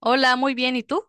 Hola, muy bien. ¿Y tú?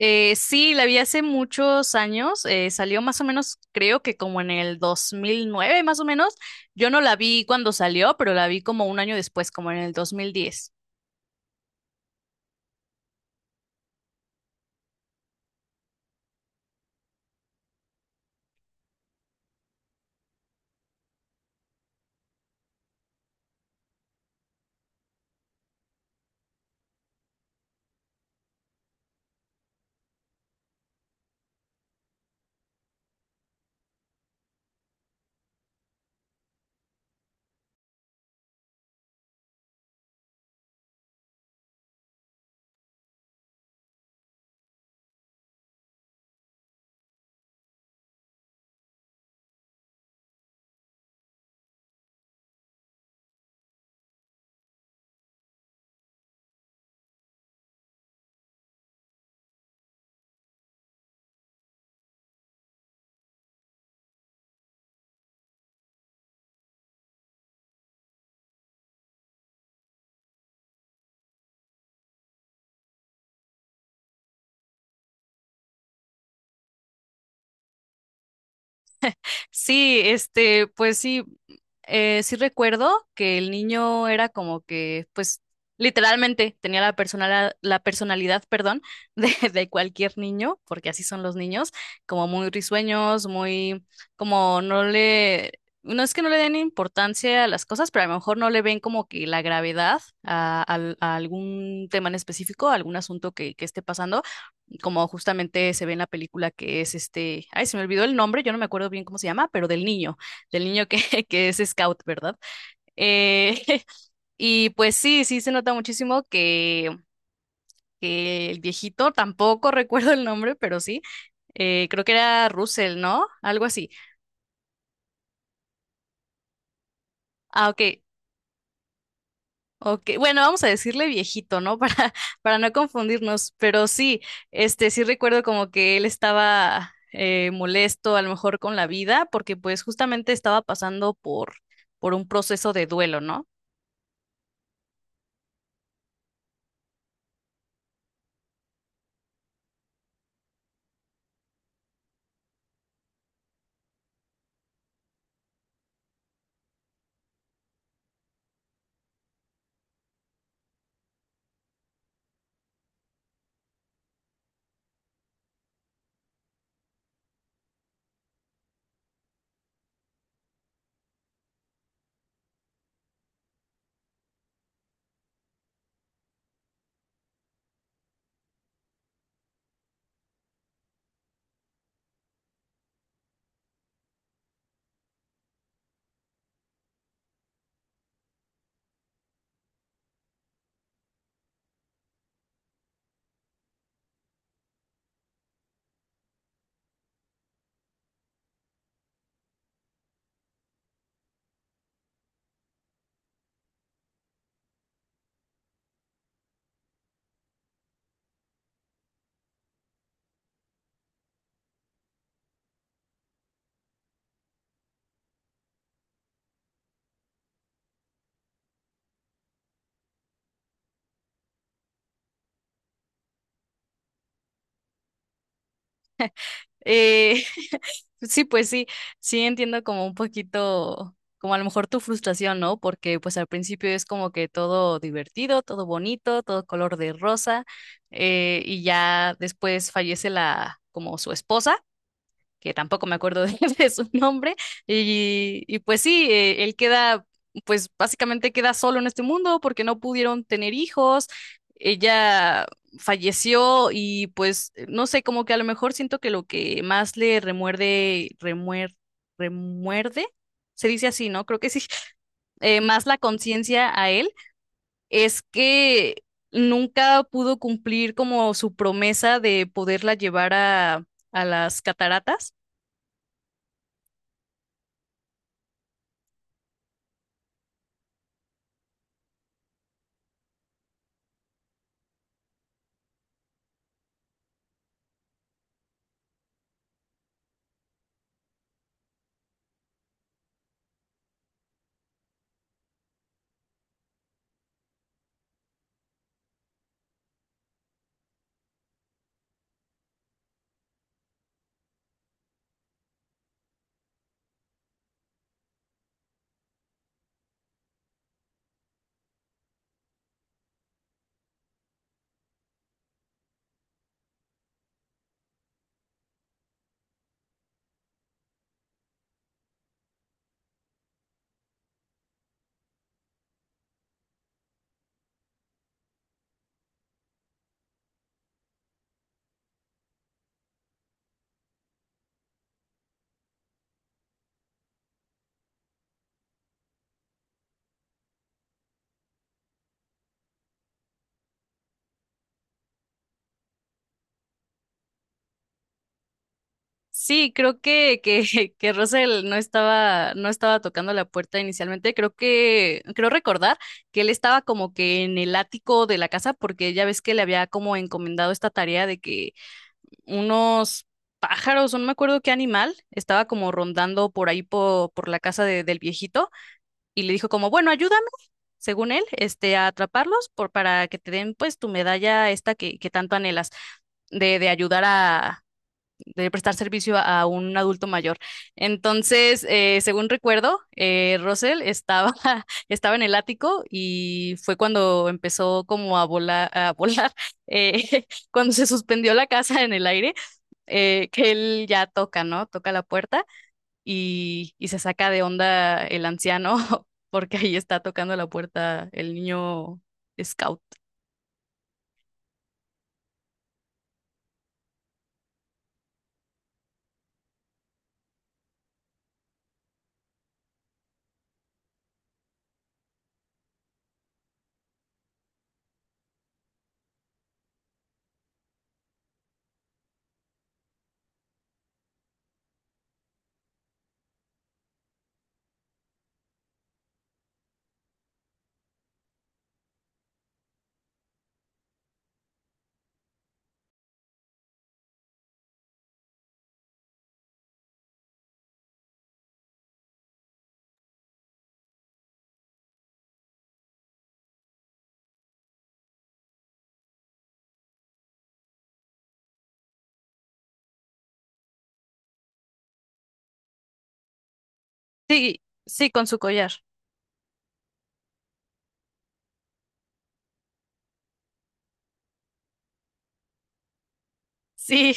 Sí, la vi hace muchos años. Salió más o menos, creo que como en el 2009, más o menos. Yo no la vi cuando salió, pero la vi como un año después, como en el 2010. Sí, este, pues sí, sí recuerdo que el niño era como que, pues, literalmente tenía la personalidad, perdón, de cualquier niño, porque así son los niños, como muy risueños, muy, como no le, no es que no le den importancia a las cosas, pero a lo mejor no le ven como que la gravedad a, a algún tema en específico, a algún asunto que esté pasando y como justamente se ve en la película que es este, ay, se me olvidó el nombre, yo no me acuerdo bien cómo se llama, pero del niño que, que es scout, ¿verdad? Eh, y pues sí, sí se nota muchísimo que el viejito, tampoco recuerdo el nombre, pero sí, creo que era Russell, ¿no? Algo así. Ah, ok. Ok, bueno, vamos a decirle viejito, ¿no? Para no confundirnos, pero sí, este, sí recuerdo como que él estaba molesto a lo mejor con la vida, porque pues justamente estaba pasando por un proceso de duelo, ¿no? Eh, sí, pues sí, sí entiendo como un poquito, como a lo mejor tu frustración, ¿no? Porque pues al principio es como que todo divertido, todo bonito, todo color de rosa, y ya después fallece la, como su esposa. Que tampoco me acuerdo de, de su nombre, y pues sí, él queda, pues básicamente queda solo en este mundo porque no pudieron tener hijos, ella falleció y pues no sé, como que a lo mejor siento que lo que más le remuerde, se dice así, ¿no? Creo que sí, más la conciencia a él es que nunca pudo cumplir como su promesa de poderla llevar a las cataratas. Sí, creo que Russell no estaba, no estaba tocando la puerta inicialmente. Creo que, creo recordar que él estaba como que en el ático de la casa, porque ya ves que le había como encomendado esta tarea de que unos pájaros, o no me acuerdo qué animal, estaba como rondando por ahí por la casa del viejito, y le dijo como, bueno, ayúdame, según él, este, a atraparlos por, para que te den pues tu medalla esta que tanto anhelas de ayudar a, de prestar servicio a, un adulto mayor. Entonces, según recuerdo, Russell estaba, estaba en el ático y fue cuando empezó como a volar, eh, cuando se suspendió la casa en el aire, que él ya toca, ¿no? Toca la puerta y se saca de onda el anciano porque ahí está tocando la puerta el niño scout. Sí, sí, con su collar. Sí,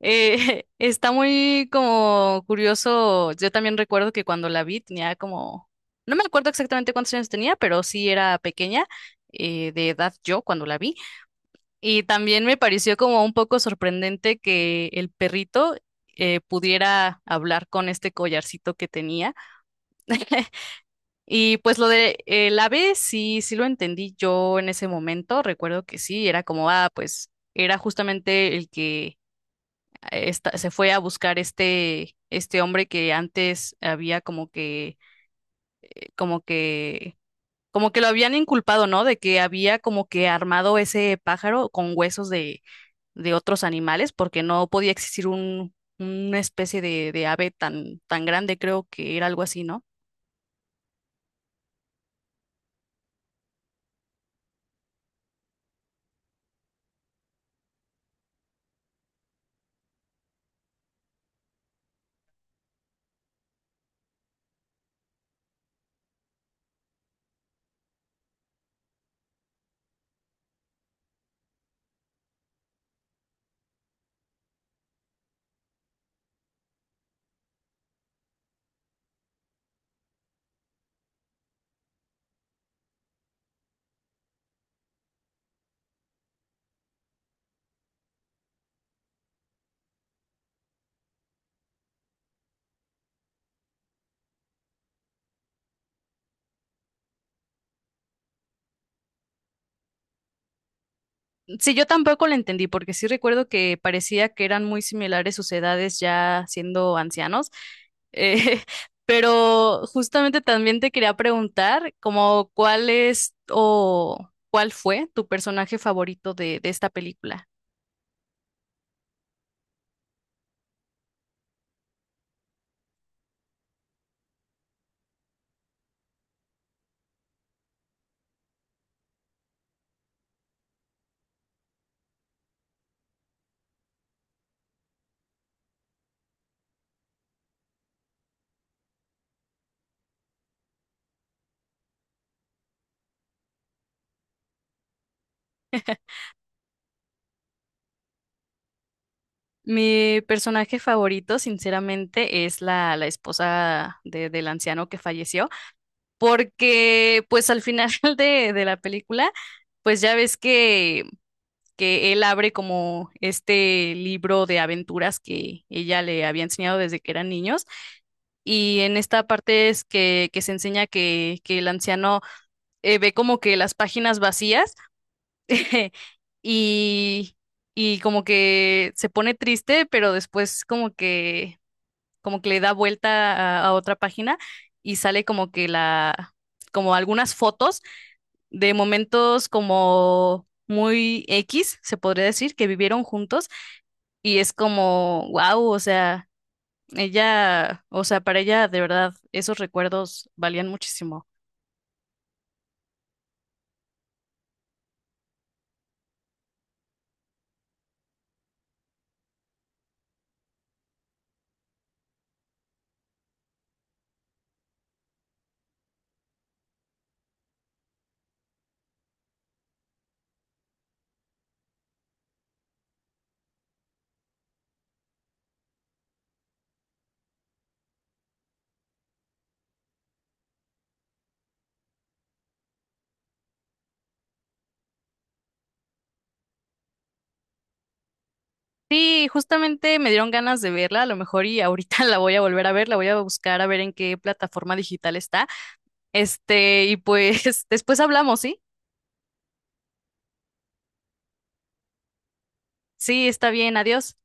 Está muy como curioso. Yo también recuerdo que cuando la vi tenía como, no me acuerdo exactamente cuántos años tenía, pero sí era pequeña, de edad yo cuando la vi. Y también me pareció como un poco sorprendente que el perrito pudiera hablar con este collarcito que tenía. Y pues lo de el ave, sí, sí lo entendí yo en ese momento. Recuerdo que sí, era como, ah, pues era justamente el que se fue a buscar este, este hombre que antes había como que, como que, como que lo habían inculpado, ¿no? De que había como que armado ese pájaro con huesos de otros animales, porque no podía existir un, una especie de ave tan, tan grande, creo que era algo así, ¿no? Sí, yo tampoco la entendí, porque sí recuerdo que parecía que eran muy similares sus edades ya siendo ancianos. Eh, pero justamente también te quería preguntar, como cuál es o cuál fue tu personaje favorito de esta película. Mi personaje favorito, sinceramente, es la, la esposa del anciano que falleció, porque pues al final de la película, pues ya ves que él abre como este libro de aventuras que ella le había enseñado desde que eran niños. Y en esta parte es que se enseña que el anciano ve como que las páginas vacías y, y como que se pone triste, pero después como que le da vuelta a otra página y sale como que la, como algunas fotos de momentos como muy X, se podría decir, que vivieron juntos y es como, wow, o sea, ella, o sea, para ella de verdad esos recuerdos valían muchísimo. Sí, justamente me dieron ganas de verla, a lo mejor y ahorita la voy a volver a ver, la voy a buscar a ver en qué plataforma digital está. Este, y pues después hablamos, ¿sí? Sí, está bien, adiós.